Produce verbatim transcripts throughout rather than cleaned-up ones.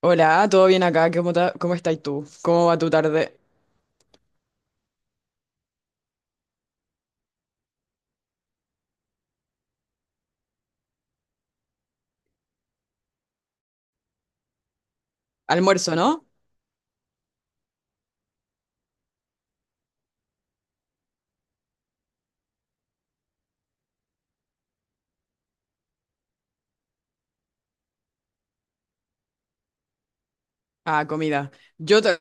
Hola, ¿todo bien acá? ¿Cómo, ta- ¿cómo estás tú? ¿Cómo va tu tarde? Almuerzo, ¿no? Ah, comida. Yo ta-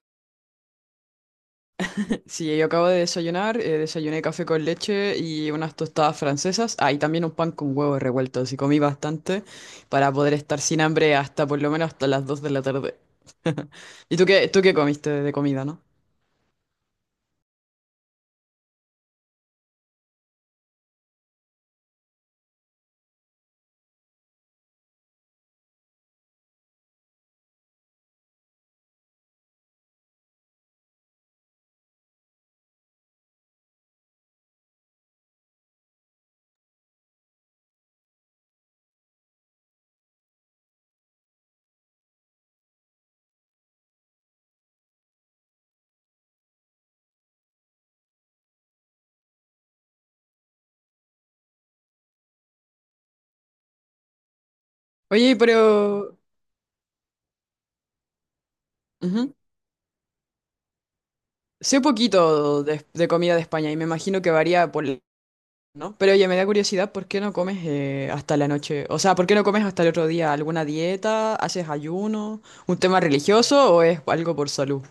sí, yo acabo de desayunar, eh, desayuné café con leche y unas tostadas francesas. Ah, y también un pan con huevos revueltos. Y comí bastante para poder estar sin hambre hasta por lo menos hasta las dos de la tarde. ¿Y tú qué, tú qué comiste de comida, no? Oye, pero ujú. Sé poquito de, de comida de España y me imagino que varía por, ¿no? Pero oye, me da curiosidad, ¿por qué no comes eh, hasta la noche? O sea, ¿por qué no comes hasta el otro día? ¿Alguna dieta? ¿Haces ayuno? ¿Un tema religioso o es algo por salud?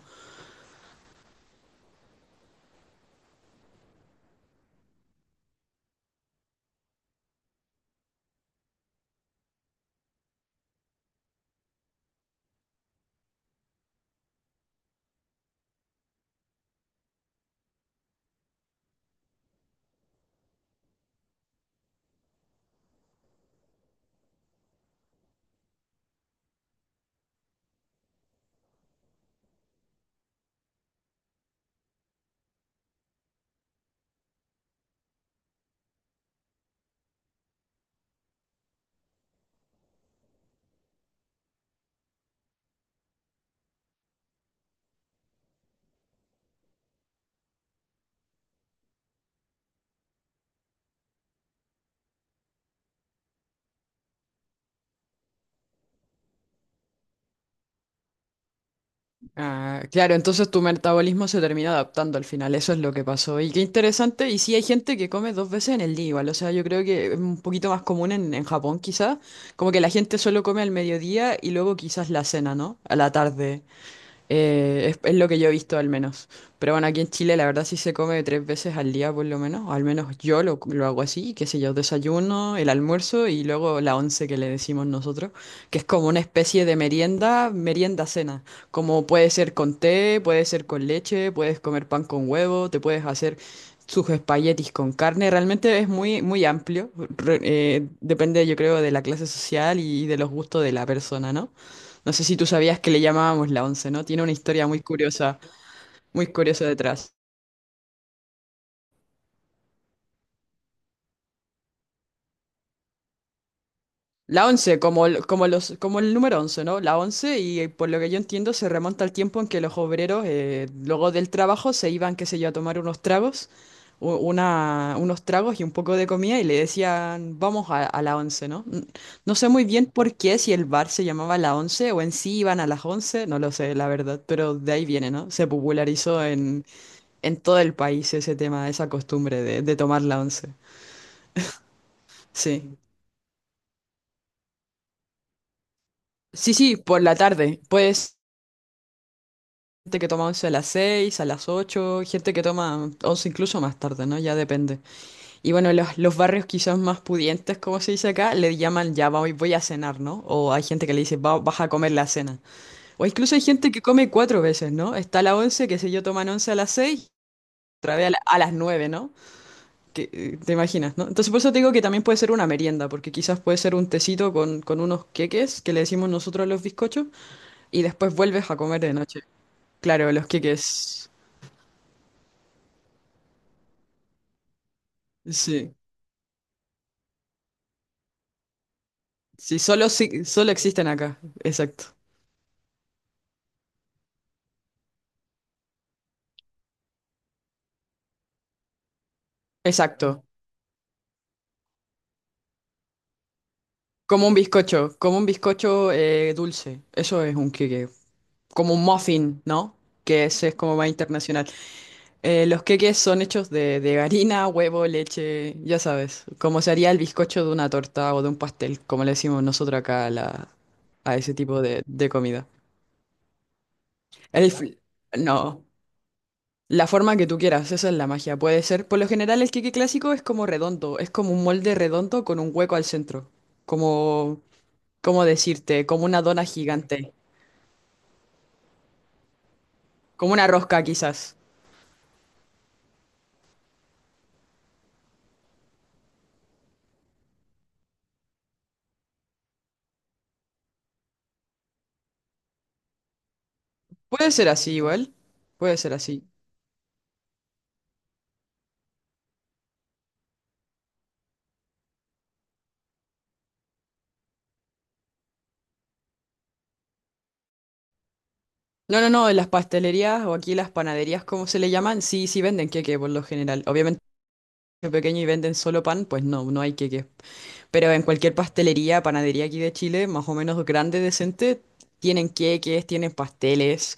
Ah, claro, entonces tu metabolismo se termina adaptando al final, eso es lo que pasó. Y qué interesante, y sí hay gente que come dos veces en el día igual, o sea, yo creo que es un poquito más común en, en Japón quizás, como que la gente solo come al mediodía y luego quizás la cena, ¿no? A la tarde. Eh, es, es lo que yo he visto al menos. Pero bueno, aquí en Chile la verdad sí se come tres veces al día por lo menos. O Al menos yo lo, lo hago así, qué sé yo, desayuno, el almuerzo y luego la once que le decimos nosotros, que es como una especie de merienda, merienda cena. Como puede ser con té, puede ser con leche, puedes comer pan con huevo, te puedes hacer sus espaguetis con carne. Realmente es muy, muy amplio. Re- eh, depende, yo creo, de la clase social y de los gustos de la persona, ¿no? No sé si tú sabías que le llamábamos la once, ¿no? Tiene una historia muy curiosa, muy curiosa detrás. La once, como el, como los, como el número once, ¿no? La once, y eh, por lo que yo entiendo, se remonta al tiempo en que los obreros, eh, luego del trabajo, se iban, qué sé yo, a tomar unos tragos, u- una, unos tragos y un poco de comida, y le decían, vamos a, a la once, ¿no? N- No sé muy bien por qué, si el bar se llamaba la once o en sí iban a las once, no lo sé, la verdad, pero de ahí viene, ¿no? Se popularizó en todo el país ese tema, esa costumbre de, de tomar la once. Sí. Sí, sí, por la tarde. Pues gente que toma once a las seis, a las ocho, gente que toma once incluso más tarde, ¿no? Ya depende. Y bueno, los, los barrios quizás más pudientes, como se dice acá, le llaman ya voy, voy a cenar, ¿no? O hay gente que le dice "Va- "vas a comer la cena". O incluso hay gente que come cuatro veces, ¿no? Está la once, que sé yo, toman once a las seis, otra vez a, la- a las nueve, ¿no? Que, eh, te imaginas, ¿no? Entonces por eso te digo que también puede ser una merienda, porque quizás puede ser un tecito con, con unos queques, que le decimos nosotros a los bizcochos, y después vuelves a comer de noche. Claro, los queques. Sí. Sí, solo, si- solo existen acá. Exacto. Exacto. Como un bizcocho, como un bizcocho eh, dulce. Eso es un queque. Como un muffin, ¿no? Que ese es como más internacional. Eh, los queques son hechos de, de harina, huevo, leche, ya sabes, como se haría el bizcocho de una torta o de un pastel, como le decimos nosotros acá a, la- a ese tipo de, de comida. El fl- no, la forma que tú quieras, esa es la magia. Puede ser, por lo general el queque clásico es como redondo, es como un molde redondo con un hueco al centro, como, ¿cómo decirte? Como una dona gigante, como una rosca quizás. Puede ser así igual, puede ser así. No, no, no, en las pastelerías o aquí las panaderías, cómo se le llaman, sí, sí venden queque por lo general. Obviamente, si es pequeño y venden solo pan, pues no, no hay queque. Pero en cualquier pastelería, panadería aquí de Chile, más o menos grande, decente, tienen queques, tienen pasteles.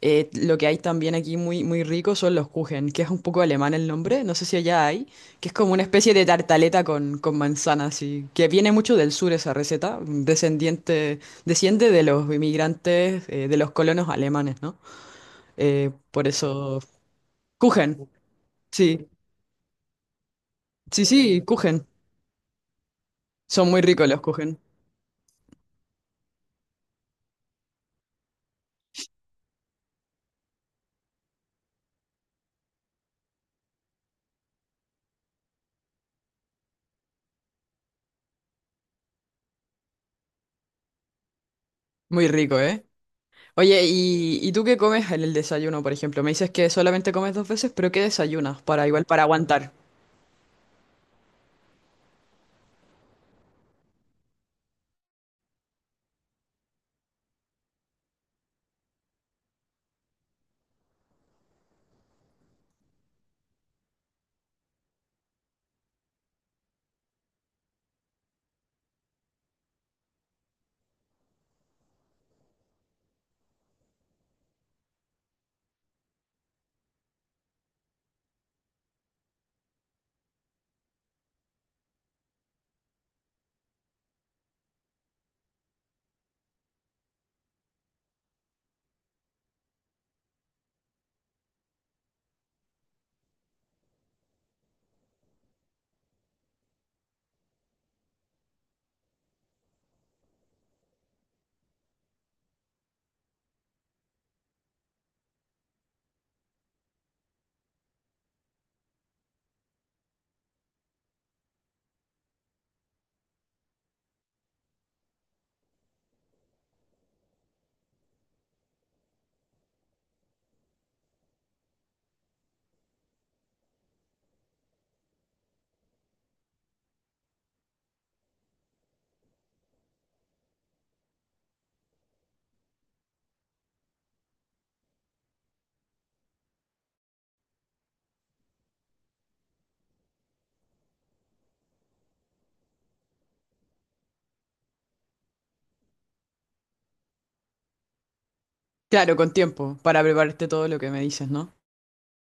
Eh, lo que hay también aquí muy, muy rico son los Kuchen, que es un poco alemán el nombre, no sé si allá hay, que es como una especie de tartaleta con, con manzanas, y que viene mucho del sur esa receta, descendiente, desciende de los inmigrantes, eh, de los colonos alemanes, ¿no? Eh, por eso. Kuchen, sí. Sí, sí, Kuchen. Son muy ricos los Kuchen. Muy rico, ¿eh? Oye, ¿y, y tú qué comes en el desayuno, por ejemplo? Me dices que solamente comes dos veces, pero ¿qué desayunas? Para igual, para aguantar. Claro, con tiempo, para prepararte todo lo que me dices, ¿no?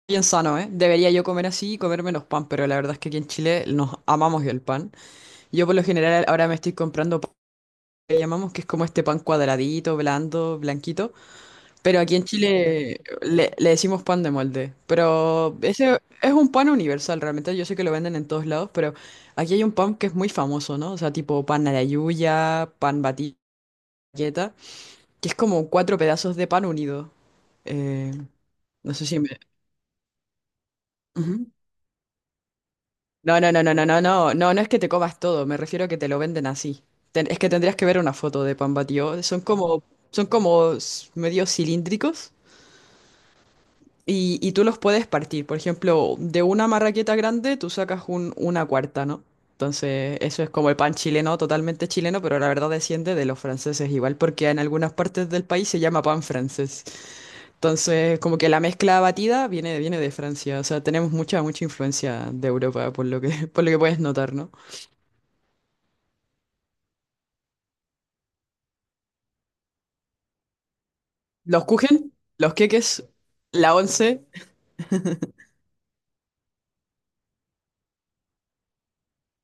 Bien sano, ¿eh? Debería yo comer así y comer menos pan, pero la verdad es que aquí en Chile nos amamos el pan. Yo por lo general ahora me estoy comprando pan que llamamos, que es como este pan cuadradito, blando, blanquito. Pero aquí en Chile le, le decimos pan de molde. Pero ese es un pan universal, realmente. Yo sé que lo venden en todos lados, pero aquí hay un pan que es muy famoso, ¿no? O sea, tipo pan a la yuya, pan batilleta, que es como cuatro pedazos de pan unido. Eh, no sé si me... Ujú. No, no, no, no, no, no, no, no, no es que te comas todo, me refiero a que te lo venden así. Ten- es que tendrías que ver una foto de pan batido. Son como, son como s- medio cilíndricos. Y, y tú los puedes partir. Por ejemplo, de una marraqueta grande tú sacas un- una cuarta, ¿no? Entonces, eso es como el pan chileno, totalmente chileno, pero la verdad desciende de los franceses igual, porque en algunas partes del país se llama pan francés. Entonces, como que la mezcla batida viene, viene de Francia. O sea, tenemos mucha, mucha influencia de Europa, por lo que, por lo que puedes notar, ¿no? Los kuchen, los queques, la once.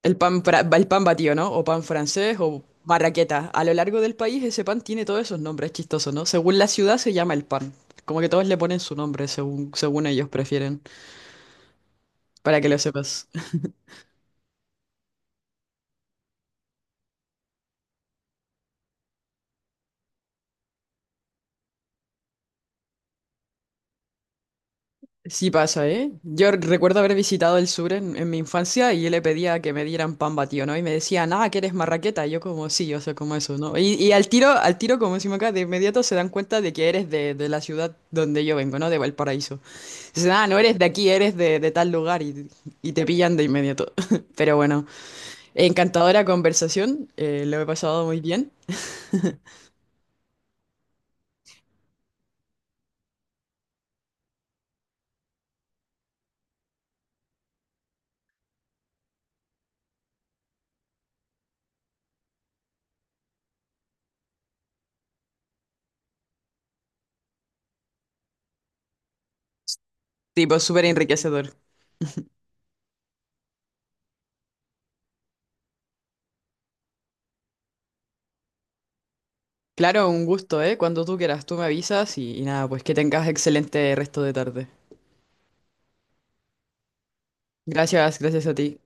El pan, fra- el pan batido, ¿no? O pan francés o marraqueta. A lo largo del país ese pan tiene todos esos nombres chistosos, ¿no? Según la ciudad se llama el pan. Como que todos le ponen su nombre según, según ellos prefieren, para que lo sepas. Sí pasa, ¿eh? Yo recuerdo haber visitado el sur en, en mi infancia y yo le pedía que me dieran pan batido, ¿no? Y me decían, ah, que eres marraqueta. Y yo como, sí, yo sé como eso, ¿no? Y, y al tiro, al tiro, como decimos acá, de inmediato se dan cuenta de que eres de, de la ciudad donde yo vengo, ¿no? De Valparaíso. Dicen, ah, no eres de aquí, eres de, de tal lugar, y, y te pillan de inmediato. Pero bueno, encantadora conversación, eh, lo he pasado muy bien. Tipo, súper enriquecedor. Claro, un gusto, ¿eh? Cuando tú quieras, tú me avisas y, y nada, pues que tengas excelente resto de tarde. Gracias, gracias a ti.